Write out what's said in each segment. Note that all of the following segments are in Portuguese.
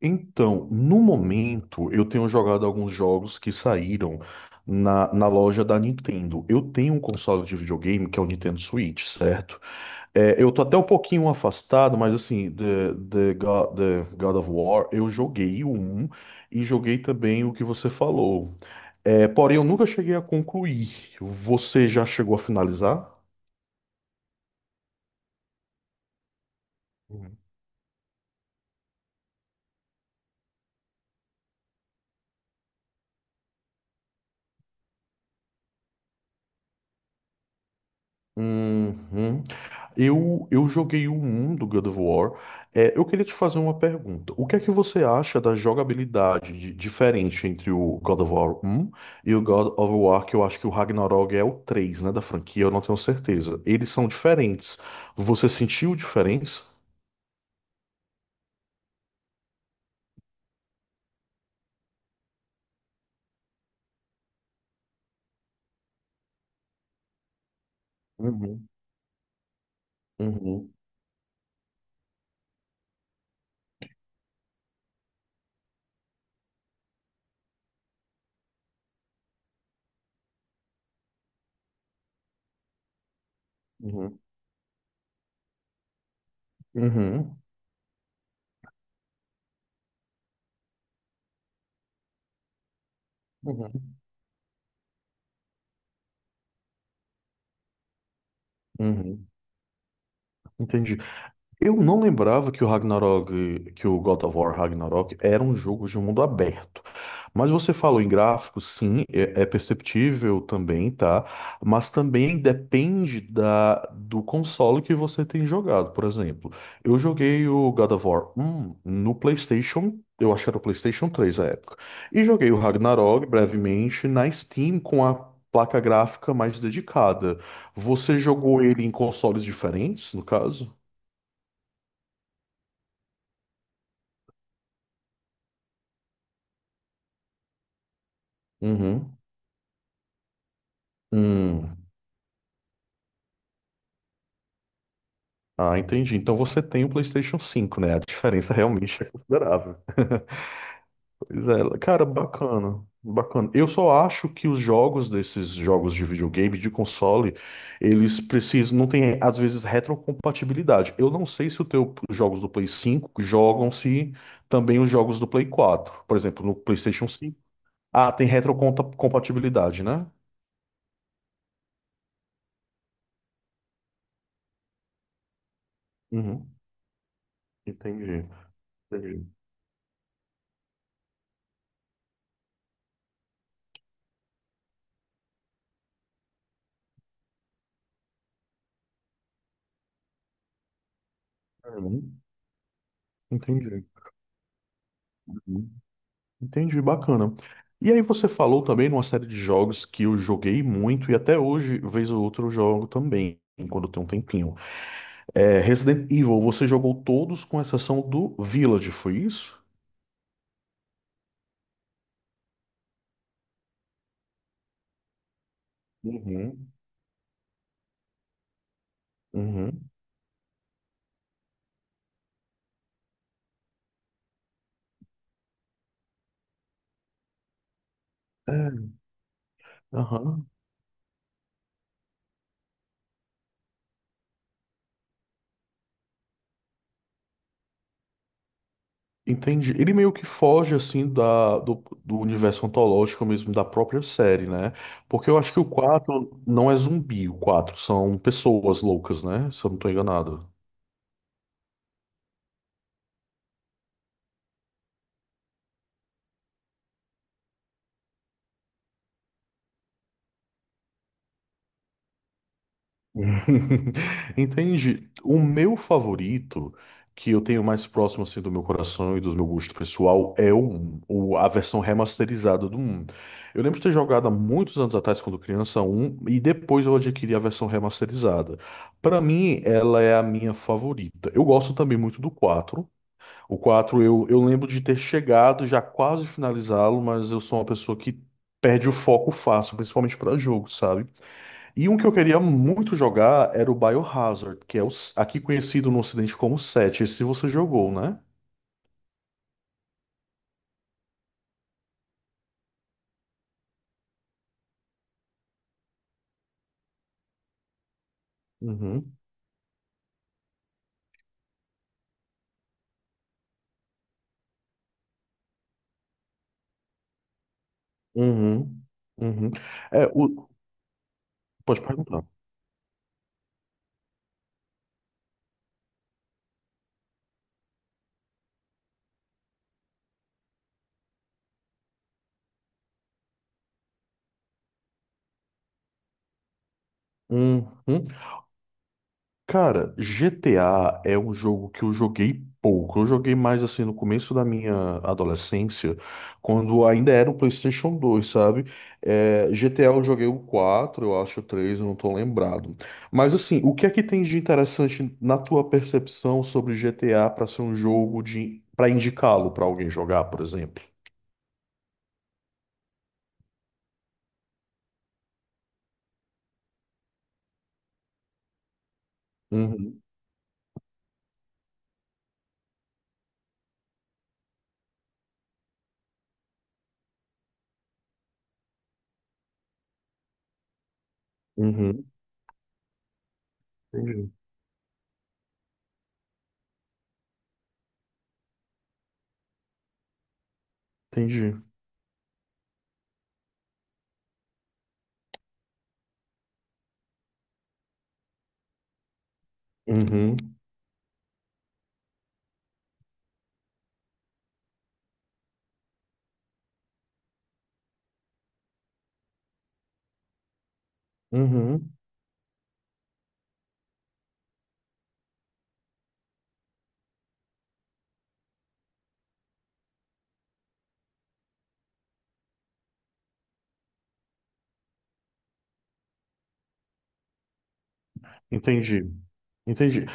Então, no momento, eu tenho jogado alguns jogos que saíram na loja da Nintendo. Eu tenho um console de videogame que é o Nintendo Switch, certo? Eu tô até um pouquinho afastado, mas assim, The God of War, eu joguei o 1 e joguei também o que você falou. Porém, eu nunca cheguei a concluir. Você já chegou a finalizar? Uhum. Uhum. Eu joguei o 1 do God of War. Eu queria te fazer uma pergunta. O que é que você acha da diferente entre o God of War um e o God of War, que eu acho que o Ragnarok é o 3, né, da franquia, eu não tenho certeza. Eles são diferentes. Você sentiu diferença? Uhum. Uhum. Uhum. Uhum. Uhum. Uhum. Entendi. Eu não lembrava que o Ragnarok, que o God of War Ragnarok era um jogo de mundo aberto. Mas você falou em gráficos, sim, é, é perceptível também, tá? Mas também depende da, do console que você tem jogado. Por exemplo, eu joguei o God of War 1 no PlayStation, eu acho que era o PlayStation 3 à época, e joguei o Ragnarok brevemente na Steam com a placa gráfica mais dedicada. Você jogou ele em consoles diferentes, no caso? Uhum. Hum. Ah, entendi. Então você tem o PlayStation cinco, né? A diferença realmente é considerável. Pois é, cara, bacana. Bacana. Eu só acho que os jogos desses jogos de videogame, de console, eles precisam, não tem, às vezes, retrocompatibilidade. Eu não sei se o teu, os jogos do Play cinco jogam-se também os jogos do Play quatro. Por exemplo, no PlayStation cinco. Ah, tem retrocompatibilidade, né? Uhum. Entendi. Entendi. Uhum. Entendi. Uhum. Entendi, bacana. E aí você falou também numa série de jogos que eu joguei muito e até hoje, vez ou outra, eu jogo também, quando tem um tempinho. É, Resident Evil, você jogou todos com exceção do Village, foi isso? Uhum. Uhum. É, aham. Entendi. Ele meio que foge assim do do, universo ontológico mesmo da própria série, né? Porque eu acho que o 4 não é zumbi, o 4 são pessoas loucas, né? Se eu não tô enganado. Entende? O meu favorito, que eu tenho mais próximo assim do meu coração e do meu gosto pessoal, é 1, a versão remasterizada do 1. Eu lembro de ter jogado há muitos anos atrás, quando criança, um e depois eu adquiri a versão remasterizada. Pra mim, ela é a minha favorita. Eu gosto também muito do 4. O 4 eu lembro de ter chegado, já quase finalizá-lo, mas eu sou uma pessoa que perde o foco fácil, principalmente pra jogo, sabe? E um que eu queria muito jogar era o Biohazard, que é o, aqui conhecido no Ocidente como Sete. Esse você jogou, né? Uhum, uhum, uhum. É, o, pode perguntar. Uhum. Cara, GTA é um jogo que eu joguei pouco. Eu joguei mais assim no começo da minha adolescência, quando ainda era o PlayStation 2, sabe? É, GTA eu joguei o 4, eu acho o 3, eu não tô lembrado. Mas assim, o que é que tem de interessante na tua percepção sobre GTA para ser um jogo de para indicá-lo para alguém jogar, por exemplo? Uhum, uhum, entendi, entendi. Uhum, uhum, entendi. Entendi.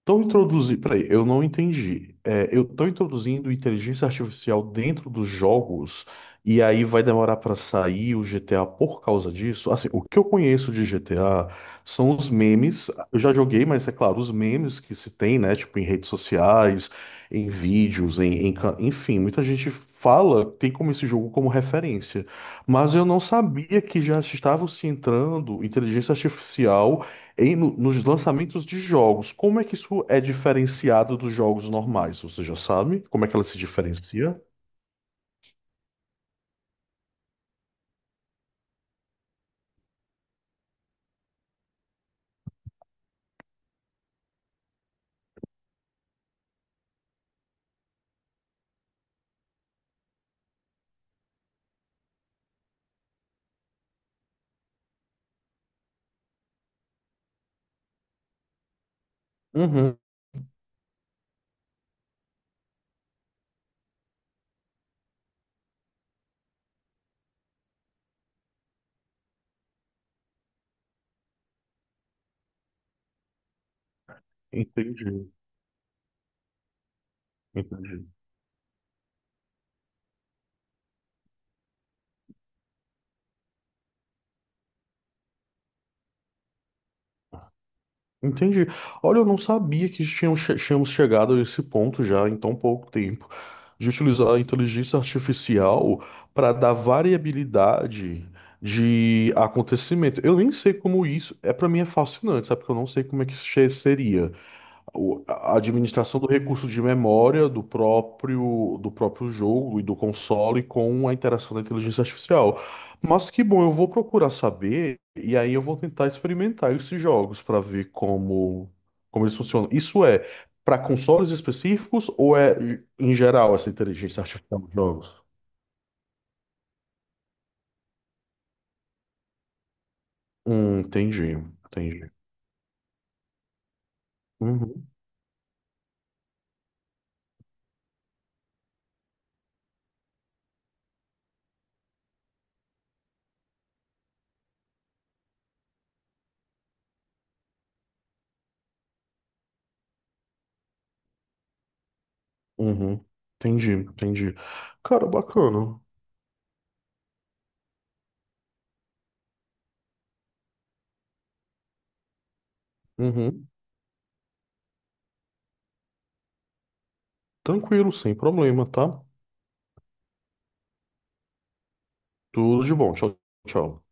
Estão introduzindo. Peraí, eu não entendi. É, eu estou introduzindo inteligência artificial dentro dos jogos e aí vai demorar para sair o GTA por causa disso? Assim, o que eu conheço de GTA são os memes. Eu já joguei, mas é claro, os memes que se tem, né? Tipo, em redes sociais, em vídeos, em, em enfim, muita gente fala, tem como esse jogo como referência. Mas eu não sabia que já estava se entrando inteligência artificial. Nos lançamentos de jogos, como é que isso é diferenciado dos jogos normais? Você já sabe? Como é que ela se diferencia? Uhum. Entendi, entendi. Entendi. Olha, eu não sabia que tínhamos, tínhamos chegado a esse ponto já em tão pouco tempo, de utilizar a inteligência artificial para dar variabilidade de acontecimento. Eu nem sei como isso, é, para mim é fascinante, sabe? Porque eu não sei como é que isso seria. A administração do recurso de memória do próprio jogo e do console com a interação da inteligência artificial. Mas que bom, eu vou procurar saber e aí eu vou tentar experimentar esses jogos para ver como, como eles funcionam. Isso é para consoles específicos ou é em geral essa inteligência artificial nos jogos? Entendi, entendi. Uhum, uhum. Entendi, entendi. Cara, bacana. Uhum. Tranquilo, sem problema, tá? Tudo de bom. Tchau, tchau.